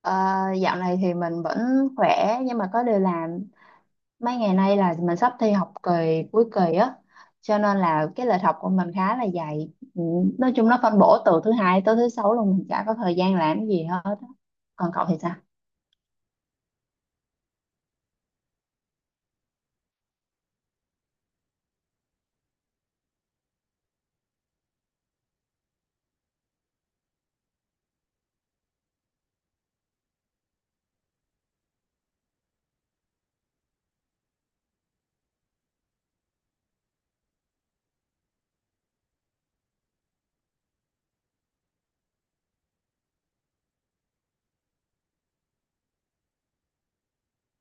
Ờ, Dạo này thì mình vẫn khỏe, nhưng mà có điều là mấy ngày nay là mình sắp thi học kỳ, cuối kỳ á, cho nên là cái lịch học của mình khá là dày. Ừ, nói chung nó phân bổ từ thứ hai tới thứ sáu luôn, mình chả có thời gian làm cái gì hết á. Còn cậu thì sao?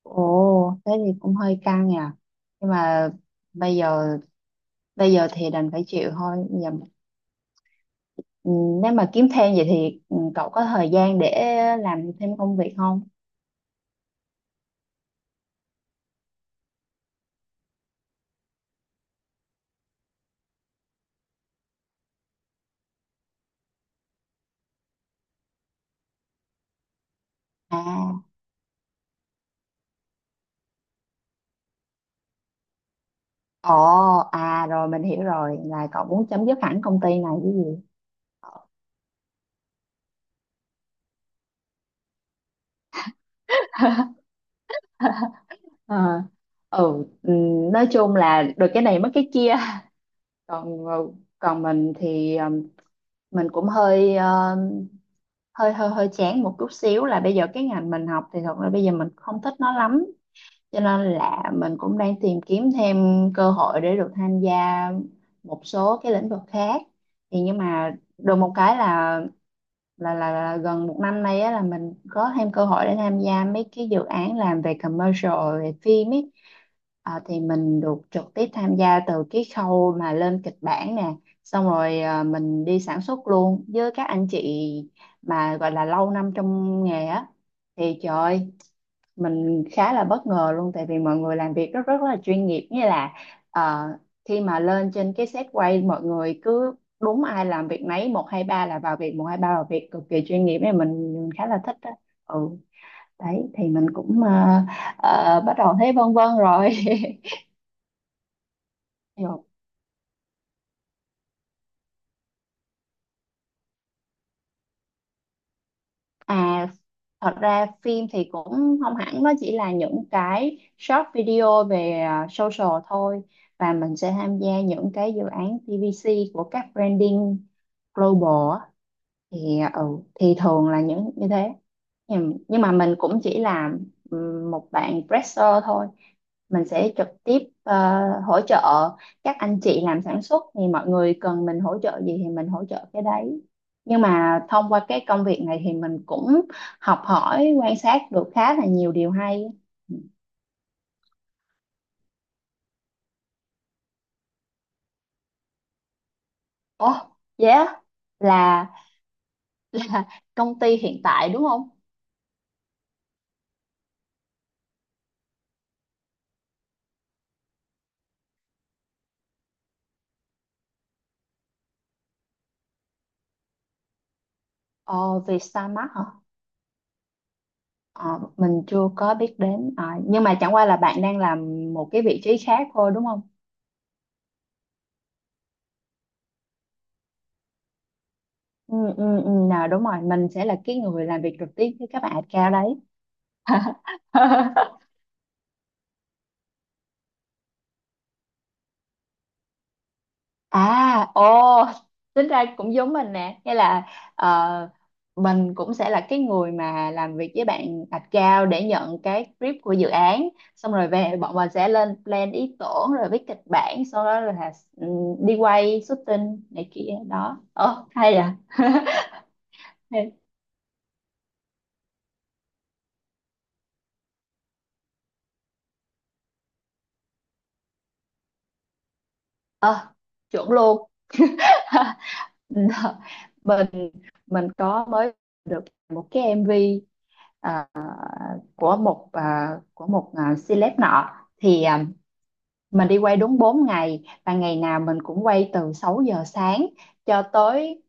Ồ, thế thì cũng hơi căng nhỉ, nhưng mà bây giờ bây giờ thì đành phải chịu thôi. giờ, ừ, nếu mà kiếm thêm vậy thì cậu có thời gian để làm thêm công việc không? À Ồ, à Rồi mình hiểu rồi, là cậu muốn chấm dứt hẳn công ty này chứ gì. Ờ, nói chung là được cái này mất cái kia. Còn ờ, Còn mình thì mình cũng hơi ờ, hơi hơi hơi chán một chút xíu, là bây giờ cái ngành mình học thì thật ra bây giờ mình không thích nó lắm. Cho nên là mình cũng đang tìm kiếm thêm cơ hội để được tham gia một số cái lĩnh vực khác. Thì nhưng mà được một cái là, là gần một năm nay á, là mình có thêm cơ hội để tham gia mấy cái dự án làm về commercial, về phim ấy. Thì mình được trực tiếp tham gia từ cái khâu mà lên kịch bản nè, xong rồi mình đi sản xuất luôn với các anh chị mà gọi là lâu năm trong nghề á. Thì trời ơi, mình khá là bất ngờ luôn, tại vì mọi người làm việc rất rất là chuyên nghiệp. Như là ờ, khi mà lên trên cái set quay, mọi người cứ đúng ai làm việc nấy, một hai ba là vào việc, một hai ba vào việc, cực kỳ chuyên nghiệp ấy. Mình khá là thích đó. Ừ, đấy thì mình cũng bắt đầu thấy vân vân rồi. Nhưng mà- à Thật ra phim thì cũng không hẳn, nó chỉ là những cái short video về social thôi, và mình sẽ tham gia những cái dự án TVC của các branding global á. thì ừ thì thường là những như thế. Nhưng mà mình cũng chỉ là một bạn presser thôi. Mình sẽ trực tiếp ờ, hỗ trợ các anh chị làm sản xuất, thì mọi người cần mình hỗ trợ gì thì mình hỗ trợ cái đấy. Nhưng mà thông qua cái công việc này thì mình cũng học hỏi, quan sát được khá là nhiều điều hay. Ồ, yeah, là công ty hiện tại đúng không? Ồ, Vietstarmart hả? Ờ, mình chưa có biết đến. Ờ, nhưng mà chẳng qua là bạn đang làm một cái vị trí khác thôi đúng không? Ừ, ừ, ừ, nào đúng rồi, mình sẽ là cái người làm việc trực tiếp với các bạn at cao đấy. à ồ Tính ra cũng giống mình nè, nghĩa là ờ, mình cũng sẽ là cái người mà làm việc với bạn at cao để nhận cái brief của dự án, xong rồi về bọn mình sẽ lên plan ý tưởng rồi viết kịch bản, sau đó là ừ, đi quay shooting này kia đó. Ờ Hay à. Hey, chuẩn luôn. mình mình có mới được một cái MV, à, của một celeb nọ. thì à, mình đi quay đúng 4 ngày, và ngày nào mình cũng quay từ 6 giờ sáng cho tới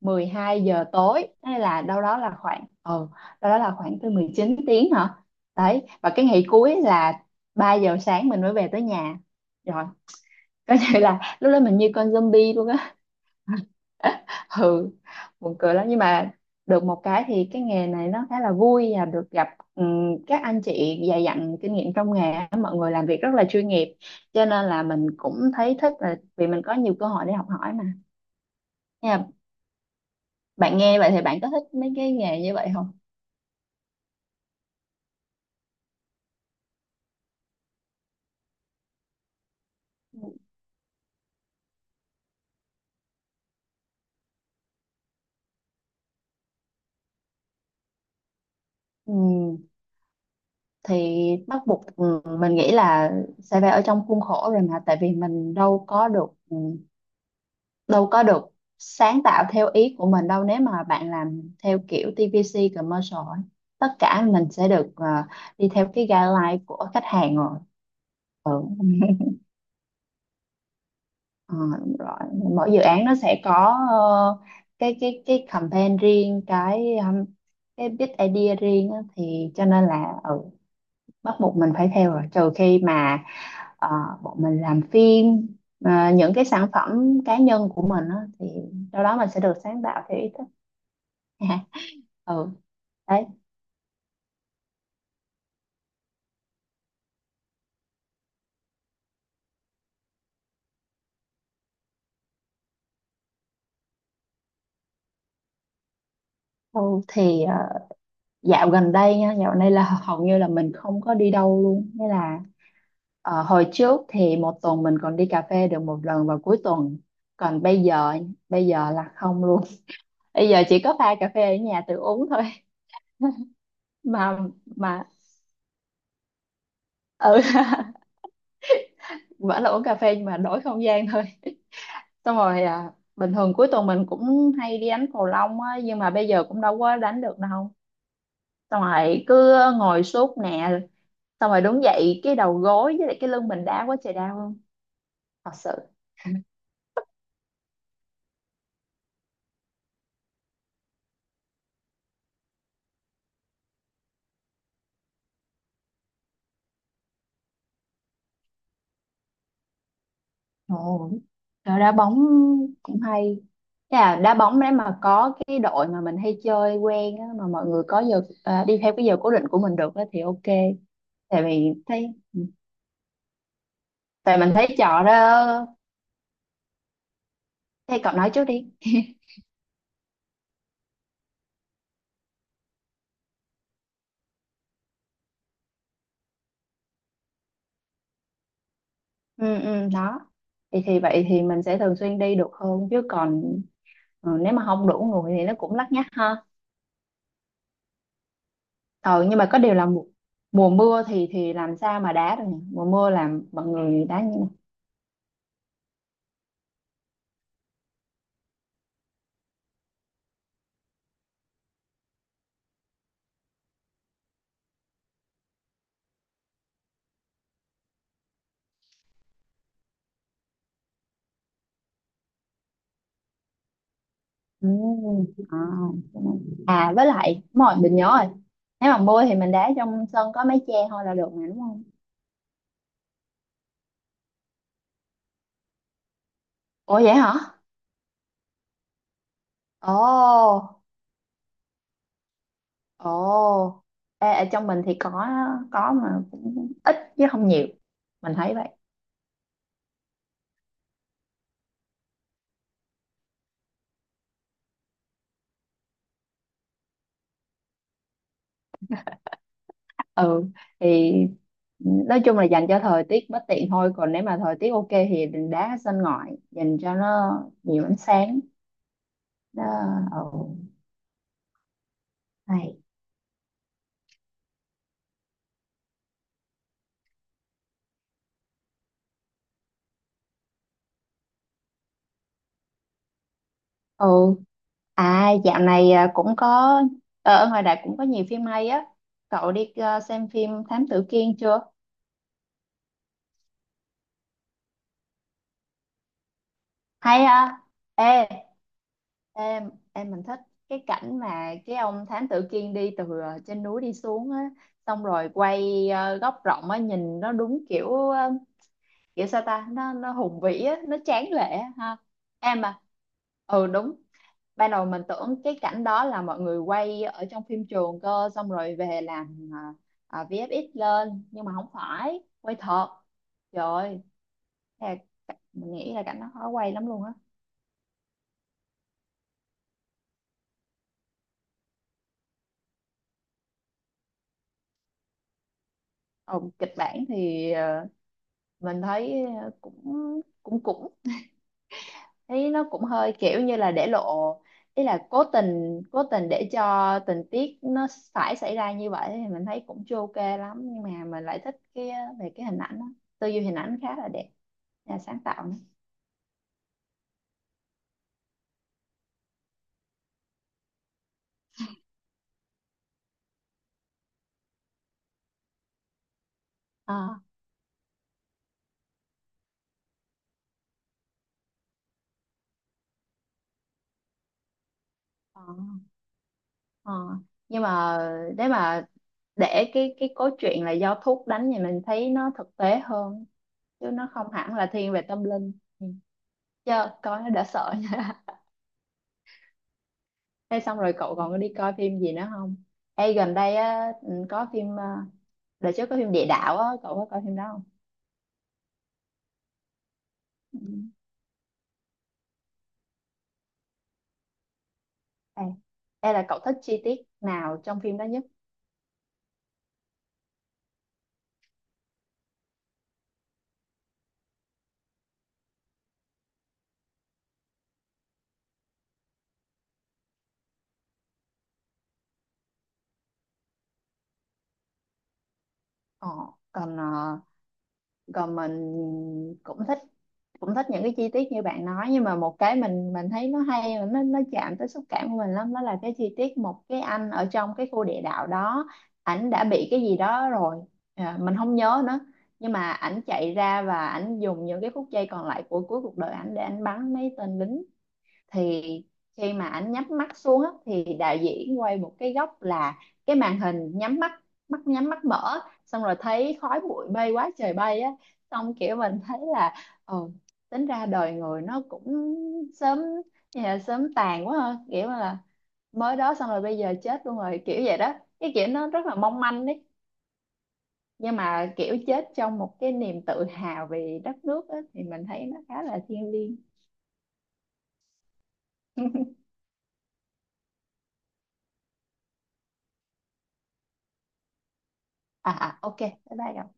12 giờ tối, hay là đâu đó là khoảng, tới 19 tiếng hả. Đấy, và cái ngày cuối là 3 giờ sáng mình mới về tới nhà rồi. Có thể là lúc đó mình như con zombie luôn. Ừ, buồn cười lắm, nhưng mà được một cái thì cái nghề này nó khá là vui, và được gặp các anh chị dày dặn kinh nghiệm trong nghề á, mọi người làm việc rất là chuyên nghiệp. Cho nên là mình cũng thấy thích, là vì mình có nhiều cơ hội để học hỏi mà, nha. Bạn nghe vậy thì bạn có thích mấy cái nghề như vậy không? Ừm, thì bắt buộc mình nghĩ là sẽ phải ở trong khuôn khổ rồi mà, tại vì mình đâu có được sáng tạo theo ý của mình đâu nếu mà bạn làm theo kiểu TVC commercial ấy. Tất cả mình sẽ được đi theo cái guideline của khách hàng rồi. Ừ. Ờ, đúng rồi, mỗi dự án nó sẽ có cái campaign riêng, cái big idea riêng á, thì cho nên là bắt buộc mình phải theo rồi, trừ khi mà ờ, bọn mình làm phim, những cái sản phẩm cá nhân của mình á, thì đâu đó mình sẽ được sáng tạo theo ý thích. Ừ, đấy. Thôi thì dạo gần đây nha, dạo này là hầu như là mình không có đi đâu luôn, nghĩa là hồi trước thì một tuần mình còn đi cà phê được một lần vào cuối tuần, còn bây giờ là không luôn. Bây giờ chỉ có pha cà phê ở nhà tự uống thôi. mà mà ừ vẫn là uống cà phê nhưng mà đổi không gian thôi. Xong rồi bình thường cuối tuần mình cũng hay đi đánh cầu lông á, nhưng mà bây giờ cũng đâu có đánh được đâu, xong rồi cứ ngồi suốt nè, xong rồi đúng vậy, cái đầu gối với lại cái lưng mình đau quá trời đau luôn, thật sự. Ồ, rồi đá bóng cũng hay. Thế là đá bóng đấy mà, có cái đội mà mình hay chơi quen á, mà mọi người có giờ, đi theo cái giờ cố định của mình được á thì OK, tại vì thấy, tại mình thấy trò đó. Thế cậu nói trước đi. Ừ, ừ, đó. Thì vậy thì mình sẽ thường xuyên đi được hơn, chứ còn ừ, nếu mà không đủ người thì nó cũng lắt nhắt ha. Ờ, nhưng mà có điều là mùa mưa thì làm sao mà đá được nhỉ? Mùa mưa làm mọi người đá như này. À, cái này, với lại đúng rồi, mình nhớ rồi. Nếu mà mưa thì mình đá trong sân có mái che thôi là được mà đúng không? Ủa vậy hả? Ồ, ồ. Ê, ở trong mình thì có mà cũng ít chứ không nhiều. Mình thấy vậy. Ừ, thì nói chung là dành cho thời tiết bất tiện thôi, còn nếu mà thời tiết OK thì đừng đá ở sân ngoại, dành cho nó nhiều ánh sáng. Đó, ừ. Hay. Ừ. À dạo này cũng có ở ngoài đại cũng có nhiều phim hay á. Cậu đi xem phim Thám Tử Kiên chưa? Hay ha. Ê, em mình thích cái cảnh mà cái ông Thám Tử Kiên đi từ trên núi đi xuống á, xong rồi quay góc rộng á, nhìn nó đúng kiểu kiểu sao ta, nó hùng vĩ á, nó tráng lệ á ha. Em à. Ừ đúng. Ban đầu mình tưởng cái cảnh đó là mọi người quay ở trong phim trường cơ, xong rồi về làm VFX lên, nhưng mà không phải quay thật. Trời ơi, thiệt, mình nghĩ là cảnh nó khó quay lắm luôn á. Ờ, kịch bản thì mình thấy cũng cũng cũng thấy nó cũng hơi kiểu như là để lộ ý, là cố tình để cho tình tiết nó phải xảy ra như vậy, thì mình thấy cũng chưa OK lắm, nhưng mà mình lại thích cái về cái hình ảnh đó. Tư duy hình ảnh khá là đẹp, nhà sáng tạo ờ ờ ờ. Nhưng mà để mà để cái cốt truyện là do thuốc đánh thì mình thấy nó thực tế hơn, chứ nó không hẳn là thiên về tâm linh. Ừ. Chứ coi nó đã sợ nha. Thế xong rồi cậu còn có đi coi phim gì nữa không? Ê gần đây á, có phim đợt trước có phim địa đạo á, cậu có coi phim đó không? Ừ. Ê, ê là cậu thích chi tiết nào trong phim đó nhất? Ờ, còn ờ, còn mình cũng thích, cũng thích những cái chi tiết như bạn nói, nhưng mà một cái mình thấy nó hay và nó chạm tới xúc cảm của mình lắm, đó là cái chi tiết một cái anh ở trong cái khu địa đạo đó, ảnh đã bị cái gì đó rồi, mình không nhớ nữa, nhưng mà ảnh chạy ra và ảnh dùng những cái phút giây còn lại của cuối cuộc đời ảnh để ảnh bắn mấy tên lính. Thì khi mà ảnh nhắm mắt xuống á, thì đạo diễn quay một cái góc là cái màn hình nhắm mắt, mắt nhắm mắt mở, xong rồi thấy khói bụi bay quá trời bay á, xong kiểu mình thấy là ừ, tính ra đời người nó cũng sớm, như sớm tàn quá ha, kiểu là mới đó xong rồi bây giờ chết luôn rồi kiểu vậy đó, cái kiểu nó rất là mong manh đấy. Nhưng mà kiểu chết trong một cái niềm tự hào về đất nước á, thì mình thấy nó khá là thiêng liêng. OK bye, bye cậu.